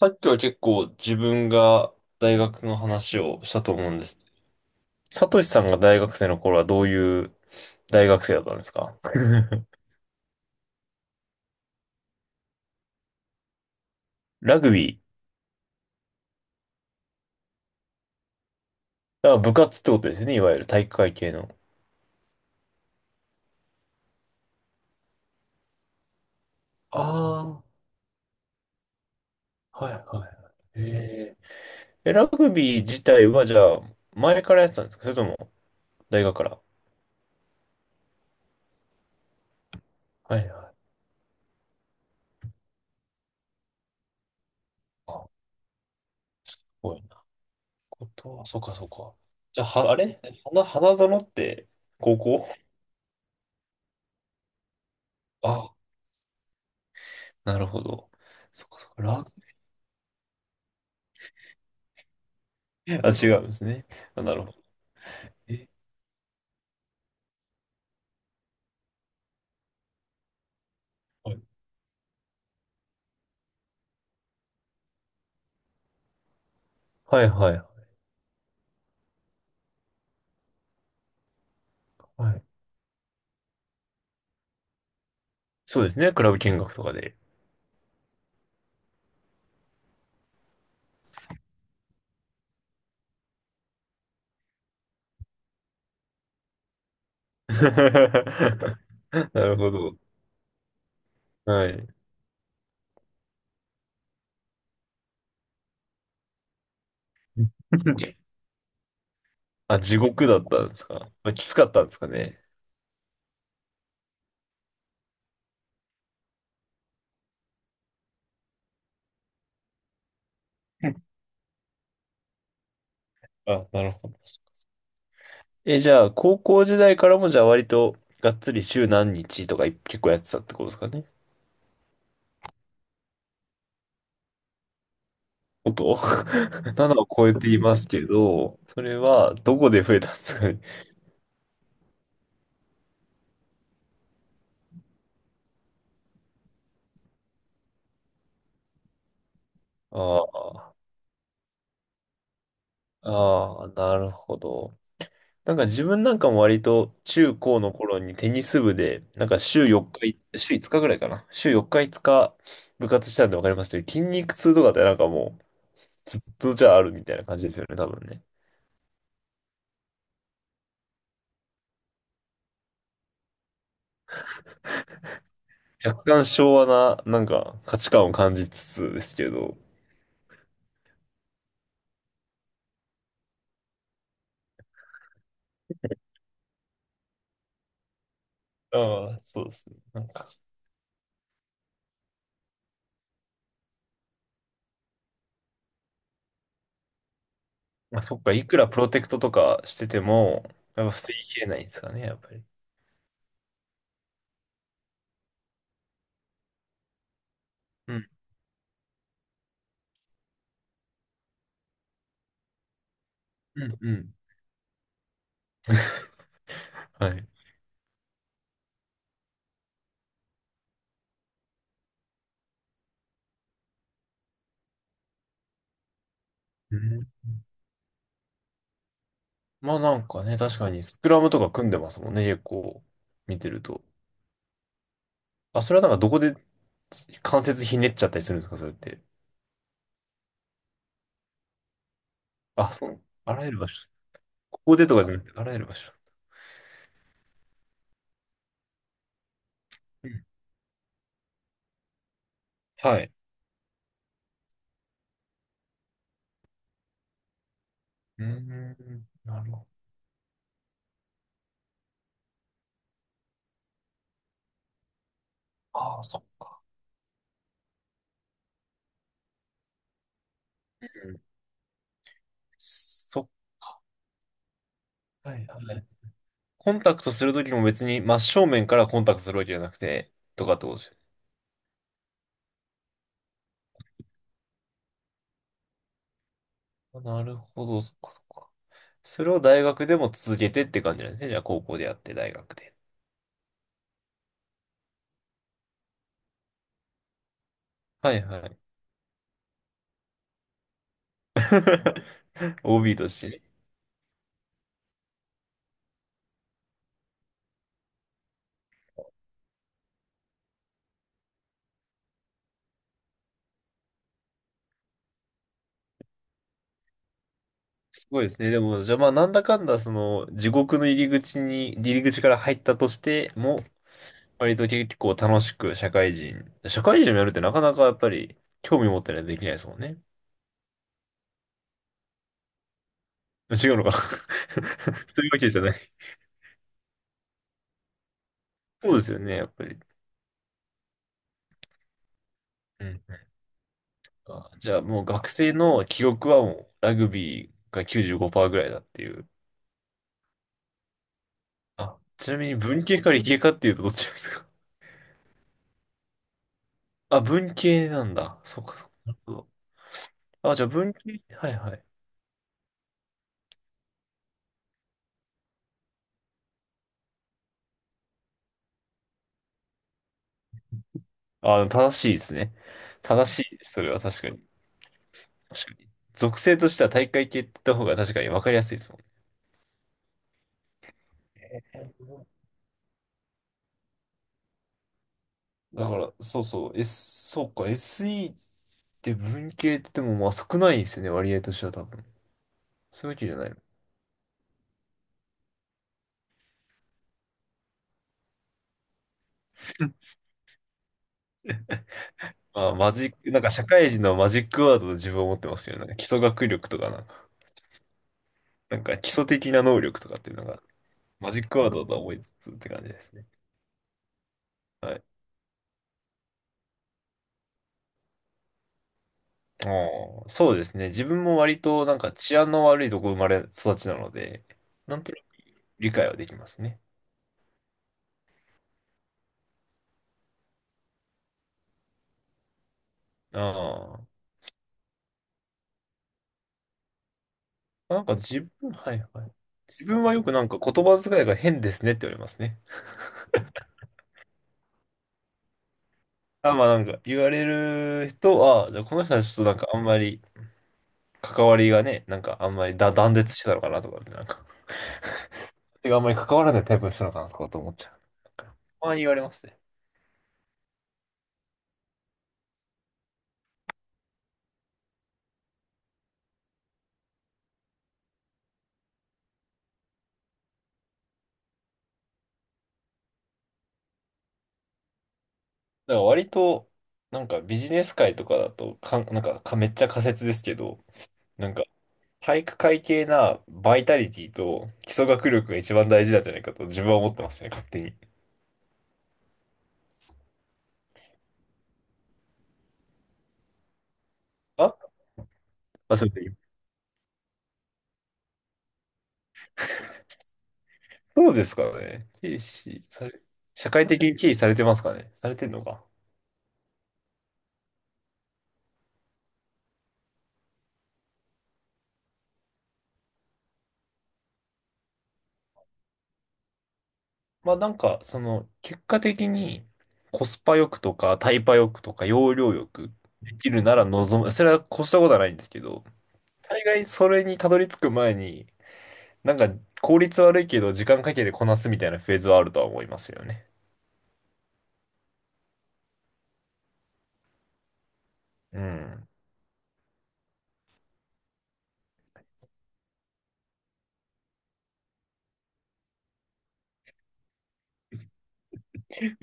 さっきは結構自分が大学の話をしたと思うんです。サトシさんが大学生の頃はどういう大学生だったんですか？ ラグビー。だから部活ってことですよね、いわゆる体育会系の。ああ、はいはいはい。ラグビー自体はじゃあ前からやってたんですか？それとも大学から？はいはい。あ、すごいな。ことは、そっかそっか。じゃあ、あれ、花園って高校？あ、なるほど。そっかそっか。あ、違うんですね。あ、なるほど。え、はい、はい、はい。そうですね。クラブ見学とかで。なるほど。はい。あ、地獄だったんですか？まあ、きつかったんですかね。あ、なるほど。え、じゃあ、高校時代からも、じゃあ、割と、がっつり週何日とか結構やってたってことですかね。音 7を超えていますけど、それはどこで増えたんですかね。ああ、ああ、なるほど。なんか自分なんかも割と中高の頃にテニス部で、なんか週4日、週5日ぐらいかな。週4日5日部活したんでわかりますけど、筋肉痛とかってなんかもうずっとじゃああるみたいな感じですよね、多分ね。若干昭和ななんか価値観を感じつつですけど。ああ、そうですね。なんか、まあそっか、いくらプロテクトとかしてても、やっぱ防ぎきれないんですかね、やっぱり。うん、うん、うん。はい。うん、まあなんかね、確かにスクラムとか組んでますもんね、結構見てると。あ、それはなんかどこで関節ひねっちゃったりするんですか、それって。あ、そう。あらゆる場所。ここでとかじゃなくて、あらゆる場所。うんはい。うーん、なるほど。ああ、そっか。うんそっか。はい、はい。コンタクトするときも別に真正面からコンタクトするわけじゃなくて、とかってことですよ。あなるほど、そっかそっか。それを大学でも続けてって感じなんですね。じゃあ高校でやって、大学で。はいはい。OB として。すごいですね。でも、じゃあまあ、なんだかんだ、その、地獄の入り口から入ったとしても、割と結構楽しく社会人をやるってなかなかやっぱり、興味持ってないとできないですもんね。違うのかな そういうわけじゃない。そうですよね、やっぱり。うん。あじゃあもう学生の記憶はもう、ラグビーが95%ぐらいだっていう。あ、ちなみに文系か理系かっていうとどっちですか？あ、文系なんだ。そうか、そうか。なるほど。あ、じゃあ文系、はいはい。あ、正しいですね。正しいです。それは確かに。確かに。属性としては大会系って言った方が確かに分かりやすいですもん。だから、そうそう、そうか、SE って文系って言っても、まあ少ないですよね、割合としては多分。そういうわけじゃないの。まあ、マジック、なんか社会人のマジックワードで自分を持ってますよね。なんか基礎学力とかなんか、なんか基礎的な能力とかっていうのが、マジックワードだと思いつつって感じですね。はい。あーそうですね。自分も割となんか治安の悪いとこ生まれ育ちなので、なんと理解はできますね。ああ。なんか自分、はいはい。自分はよくなんか言葉遣いが変ですねって言われますね。あ、まあなんか言われる人は、あじゃあこの人はちょっとなんかあんまり関わりがね、なんかあんまりだ断絶してたのかなとか、なんか、手があんまり関わらないタイプの人なのかなとかと思っちゃう。なんかたまに言われますね。だから割と、なんかビジネス界とかだとかん、なんかかめっちゃ仮説ですけど、なんか体育会系なバイタリティと基礎学力が一番大事なんじゃないかと自分は思ってますね、勝手に。あ、まあ、それで、そうですからね。軽視され、社会的に軽視されてますかね、されてんのか。まあなんか、その、結果的にコスパ欲くとかタイパ欲くとか容量欲くできるなら望む。それは越したことはないんですけど、大概それにたどり着く前に、なんか効率悪いけど時間かけてこなすみたいなフェーズはあるとは思いますよね。うん。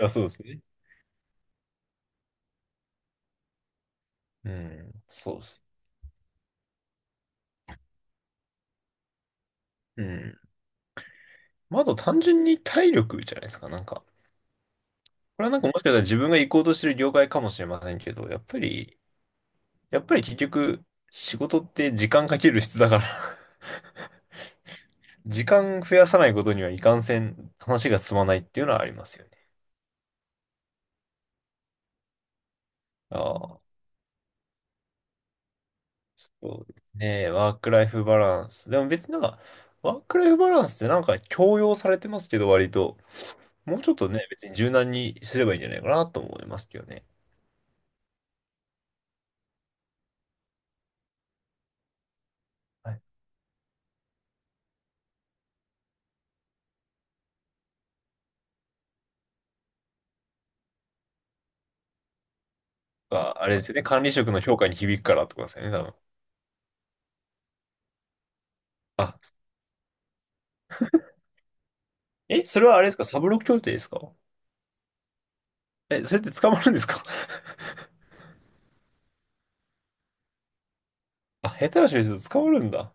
あ、そうですね。うん、そうっす。うん。まあ、あと単純に体力じゃないですか、なんか。これはなんかもしかしたら自分が行こうとしてる業界かもしれませんけど、やっぱり、結局、仕事って時間かける質だから 時間増やさないことにはいかんせん話が進まないっていうのはありますよね。ああ、そうですね。ワークライフバランス。でも別になんか、ワークライフバランスってなんか強要されてますけど、割と。もうちょっとね、別に柔軟にすればいいんじゃないかなと思いますけどね。はいが、あれですよね。管理職の評価に響くからってことですよね、多分。あ、それはあれですかサブロク協定ですか？え、それって捕まるんですか？ あ、下手な人ですと捕まるんだ。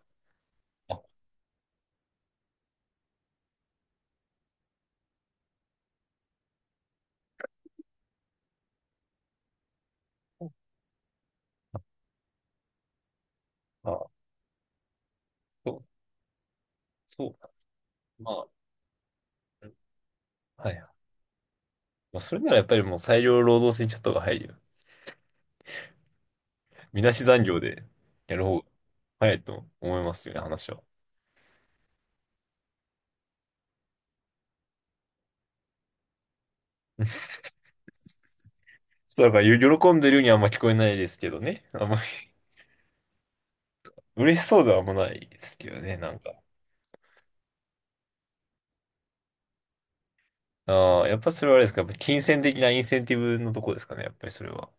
あ、そうかそうそうまあ、うんはいはい。まあ、それならやっぱりもう裁量労働制にちょっとが入るよね。みなし残業でやる方が早いと思いますよね、話は。そう、だからよ喜んでるようにはあんま聞こえないですけどね。あんまり 嬉しそうではあんまないですけどね、なんか。ああ、やっぱそれはあれですか、やっぱ金銭的なインセンティブのとこですかね、やっぱりそれは。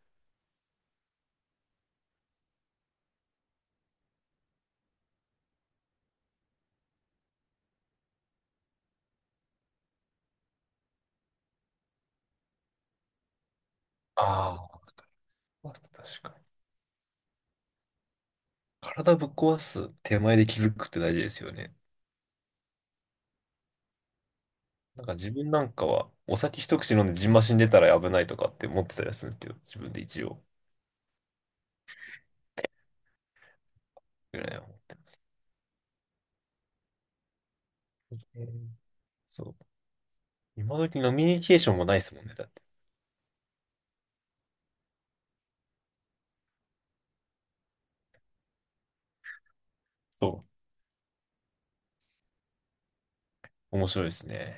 ああ。まあ確かに。体ぶっ壊す手前で気づくって大事ですよね。なんか自分なんかは、お酒一口飲んでジンマシン出たら危ないとかって思ってたりするんですけど、自分で一応ぐらいは思ってる。うんそう。今時飲みニケーションもないですもんね、だって。そう。面白いですね。